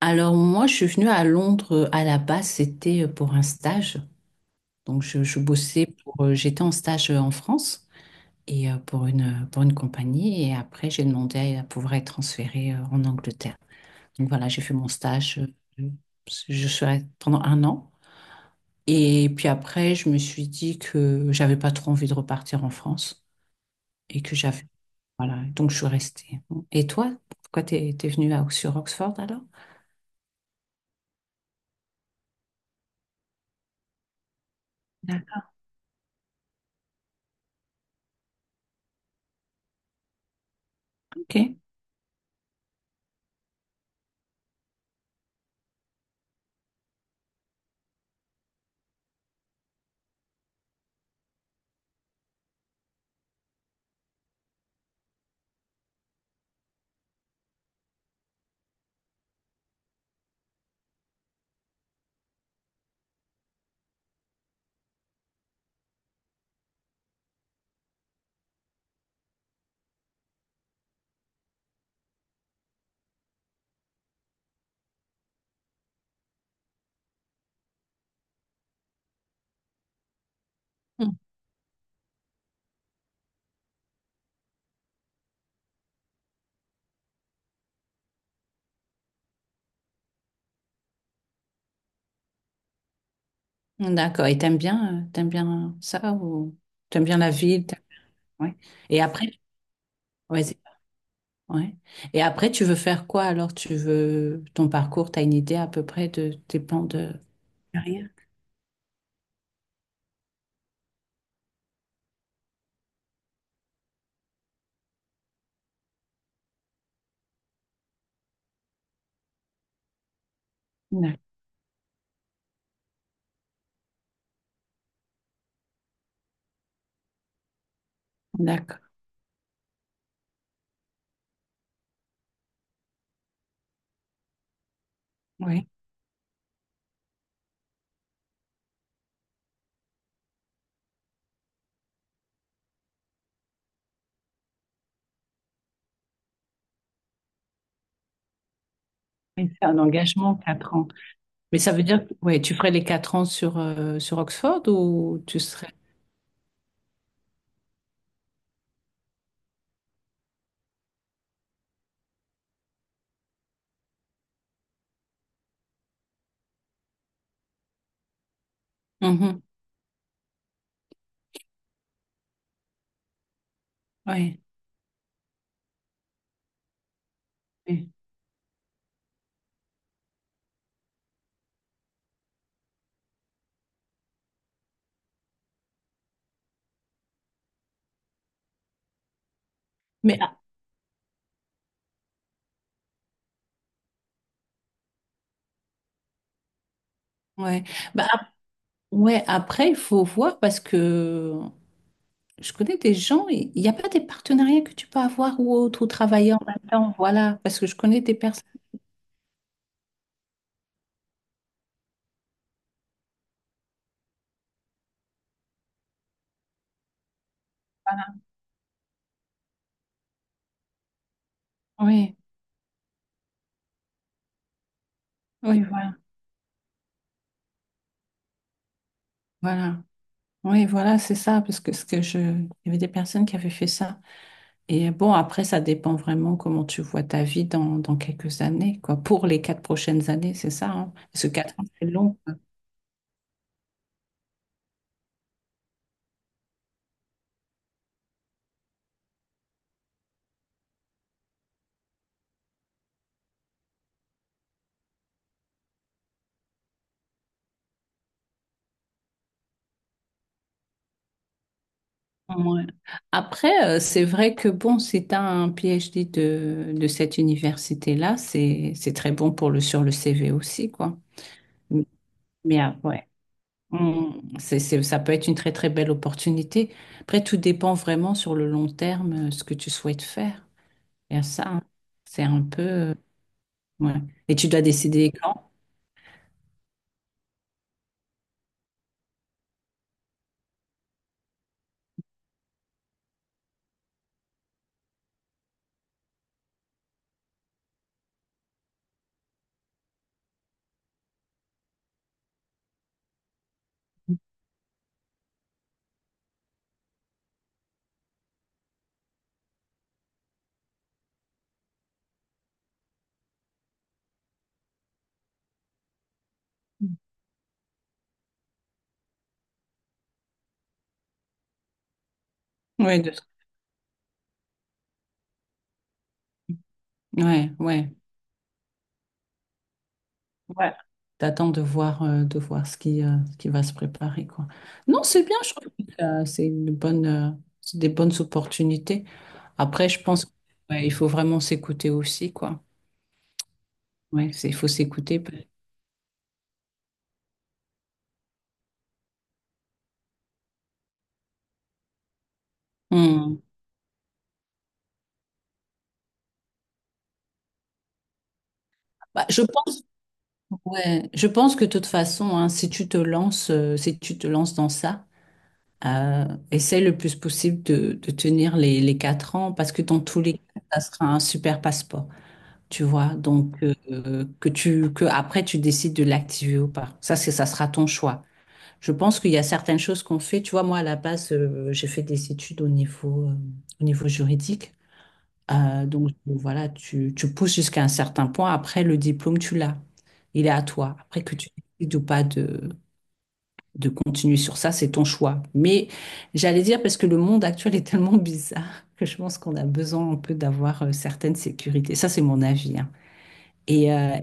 Alors moi, je suis venue à Londres, à la base, c'était pour un stage. Donc je bossais pour, j'étais en stage, en France et, pour une compagnie et après j'ai demandé à pouvoir être transférée, en Angleterre. Donc voilà, j'ai fait mon stage. euh, Je serai pendant un an et puis après, je me suis dit que j'avais pas trop envie de repartir en France et que j'avais, voilà, donc je suis restée. Et toi, pourquoi t'es venue à, sur Oxford alors? D'accord. Ok. D'accord. Et t'aimes bien ça ou t'aimes bien la ville? Ouais. Et après, vas-y. Ouais. Et après, tu veux faire quoi alors? Tu veux ton parcours, t'as une idée à peu près de tes plans de carrière? D'ac- D'accord. Oui. Et c'est un engagement, 4 ans. Mais ça veut dire que, ouais, tu ferais les 4 ans sur Oxford ou tu serais. Mhm. Ouais. Ouais. Mais ah, ouais. Bah, ouais, après, il faut voir parce que je connais des gens, et il n'y a pas des partenariats que tu peux avoir ou autre, ou travailler en même temps, voilà, parce que je connais des personnes. Voilà. Oui, oui, voilà, voilà. Oui, voilà, c'est ça, parce que ce que je, il y avait des personnes qui avaient fait ça. Et bon, après, ça dépend vraiment comment tu vois ta vie dans quelques années, quoi. Pour les quatre prochaines années, c'est ça, hein. Parce que 4 ans, c'est long, quoi. Ouais. Après, c'est vrai que bon, si tu as un PhD de cette université-là, c'est très bon pour le, sur le CV aussi, quoi. Bien, ouais. Ça peut être une très très belle opportunité. Après, tout dépend vraiment sur le long terme, ce que tu souhaites faire. Il y a ça, hein. C'est un peu, ouais. Et tu dois décider quand? Ouais, ouais, ouais. Ouais. T'attends de voir ce qui va se préparer, quoi. Non, c'est bien, je trouve que, c'est une bonne, c'est des bonnes opportunités. Après, je pense qu'il faut vraiment s'écouter aussi, quoi. Ouais, c'est, il faut s'écouter. Hmm. Bah, je pense. Ouais, je pense que de toute façon, hein, si tu te lances, si tu te lances dans ça, euh, essaie le plus possible de tenir les 4 ans parce que dans tous les cas, ça sera un super passeport, tu vois. Donc, que tu, que après tu décides de l'activer ou pas. Ça sera ton choix. Je pense qu'il y a certaines choses qu'on fait. Tu vois, moi à la base, j'ai fait des études au niveau juridique. Donc voilà, tu pousses jusqu'à un certain point. Après, le diplôme, tu l'as. Il est à toi. Après que tu décides ou pas de continuer sur ça, c'est ton choix. Mais j'allais dire, parce que le monde actuel est tellement bizarre que je pense qu'on a besoin un peu d'avoir, certaines sécurités. Ça, c'est mon avis, hein. Et, euh,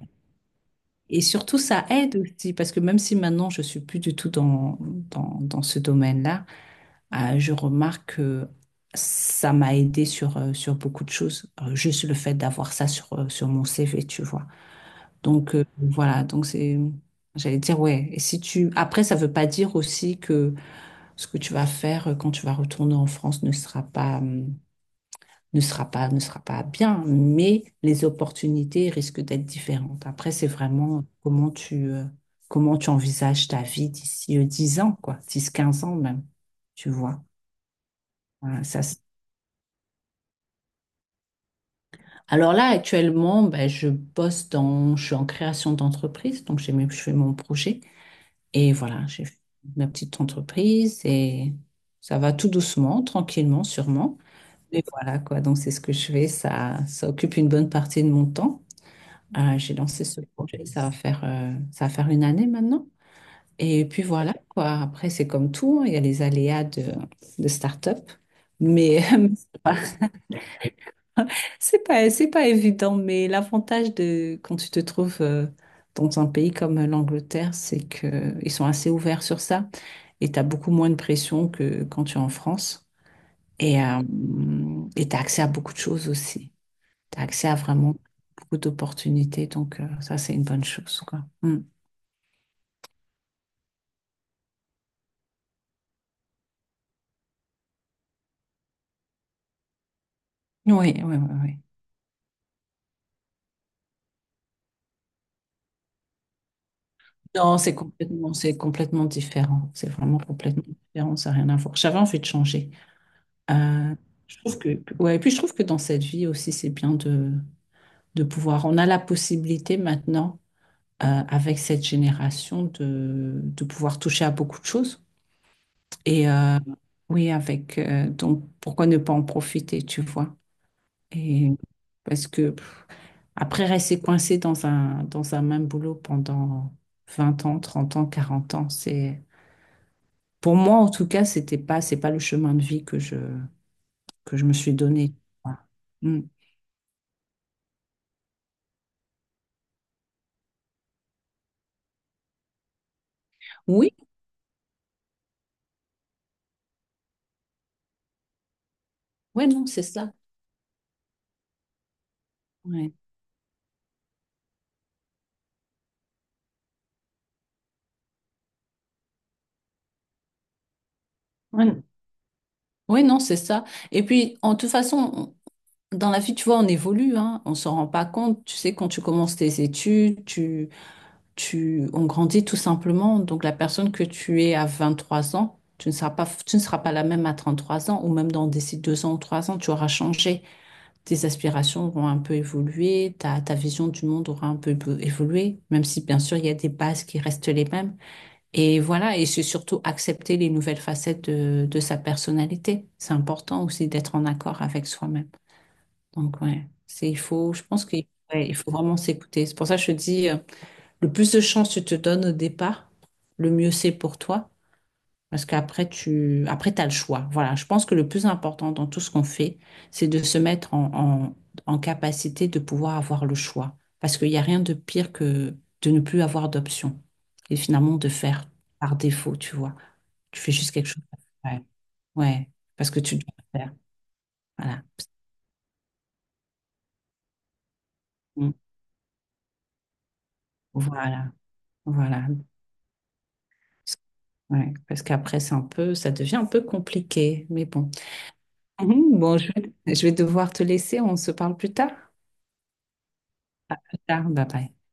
et surtout, ça aide aussi, parce que même si maintenant, je suis plus du tout dans ce domaine-là, je remarque que ça m'a aidé sur beaucoup de choses. Juste le fait d'avoir ça sur mon CV, tu vois. Donc, voilà, donc c'est, j'allais dire, ouais. Et si tu, après, ça veut pas dire aussi que ce que tu vas faire, quand tu vas retourner en France ne sera pas, ne sera pas, ne sera pas bien, mais les opportunités risquent d'être différentes. Après, c'est vraiment comment tu envisages ta vie d'ici, 10 ans, quoi, 10 15 ans même, tu vois. Voilà, ça, alors là, actuellement, ben, je bosse dans, je suis en création d'entreprise, donc je fais mon projet. Et voilà, j'ai fait ma petite entreprise et ça va tout doucement, tranquillement, sûrement. Mais voilà, quoi. Donc c'est ce que je fais. Ça occupe une bonne partie de mon temps. J'ai lancé ce projet. Ça va faire une année maintenant. Et puis voilà, quoi. Après, c'est comme tout, hein. Il y a les aléas de start-up. Mais, C'est pas évident, mais l'avantage de quand tu te trouves, dans un pays comme l'Angleterre, c'est que ils sont assez ouverts sur ça et tu as beaucoup moins de pression que quand tu es en France. Et euh, et tu as accès à beaucoup de choses aussi. Tu as accès à vraiment beaucoup d'opportunités, donc, ça, c'est une bonne chose, quoi. Mm. Oui, oui, oui, oui. Non, c'est complètement différent. C'est vraiment complètement différent, ça n'a rien à voir. J'avais envie de changer. Euh, Je trouve que, ouais, et puis je trouve que dans cette vie aussi, c'est bien de pouvoir. On a la possibilité maintenant, avec cette génération, de pouvoir toucher à beaucoup de choses. Et oui, avec, donc, pourquoi ne pas en profiter, tu vois? Et parce que pff, après, rester coincé dans un même boulot pendant 20 ans, 30 ans, 40 ans, c'est. Pour moi, en tout cas, c'était pas, c'est pas le chemin de vie que je, me suis donné. Voilà. Mm. Oui, ouais, non, c'est ça. Ouais. Oui, oui, non, c'est ça. Et puis, en toute façon, dans la vie, tu vois, on évolue, hein, on s'en rend pas compte. Tu sais, quand tu commences tes études, on grandit tout simplement. Donc, la personne que tu es à 23 ans, tu ne seras pas la même à 33 ans, ou même dans d'ici 2 ans ou 3 ans, tu auras changé. Tes aspirations auront un peu évolué, ta vision du monde aura un peu évolué, même si, bien sûr, il y a des bases qui restent les mêmes. Et voilà, et c'est surtout accepter les nouvelles facettes de sa personnalité. C'est important aussi d'être en accord avec soi-même. Donc, ouais, c'est il faut, je pense qu'il, ouais, il faut vraiment s'écouter. C'est pour ça que je te dis, le plus de chance tu te donnes au départ, le mieux c'est pour toi. Parce qu'après, tu après, t'as le choix. Voilà, je pense que le plus important dans tout ce qu'on fait, c'est de se mettre en capacité de pouvoir avoir le choix. Parce qu'il n'y a rien de pire que de ne plus avoir d'option. Et finalement, de faire par défaut, tu vois. Tu fais juste quelque chose. Ouais, ouais. Parce que tu dois le faire. Voilà. Mm. Voilà. Voilà. Ouais. Parce qu'après, c'est un peu, ça devient un peu compliqué. Mais bon. Mhm. Bon, je vais devoir te laisser. On se parle plus tard. Plus tard. Bye bye.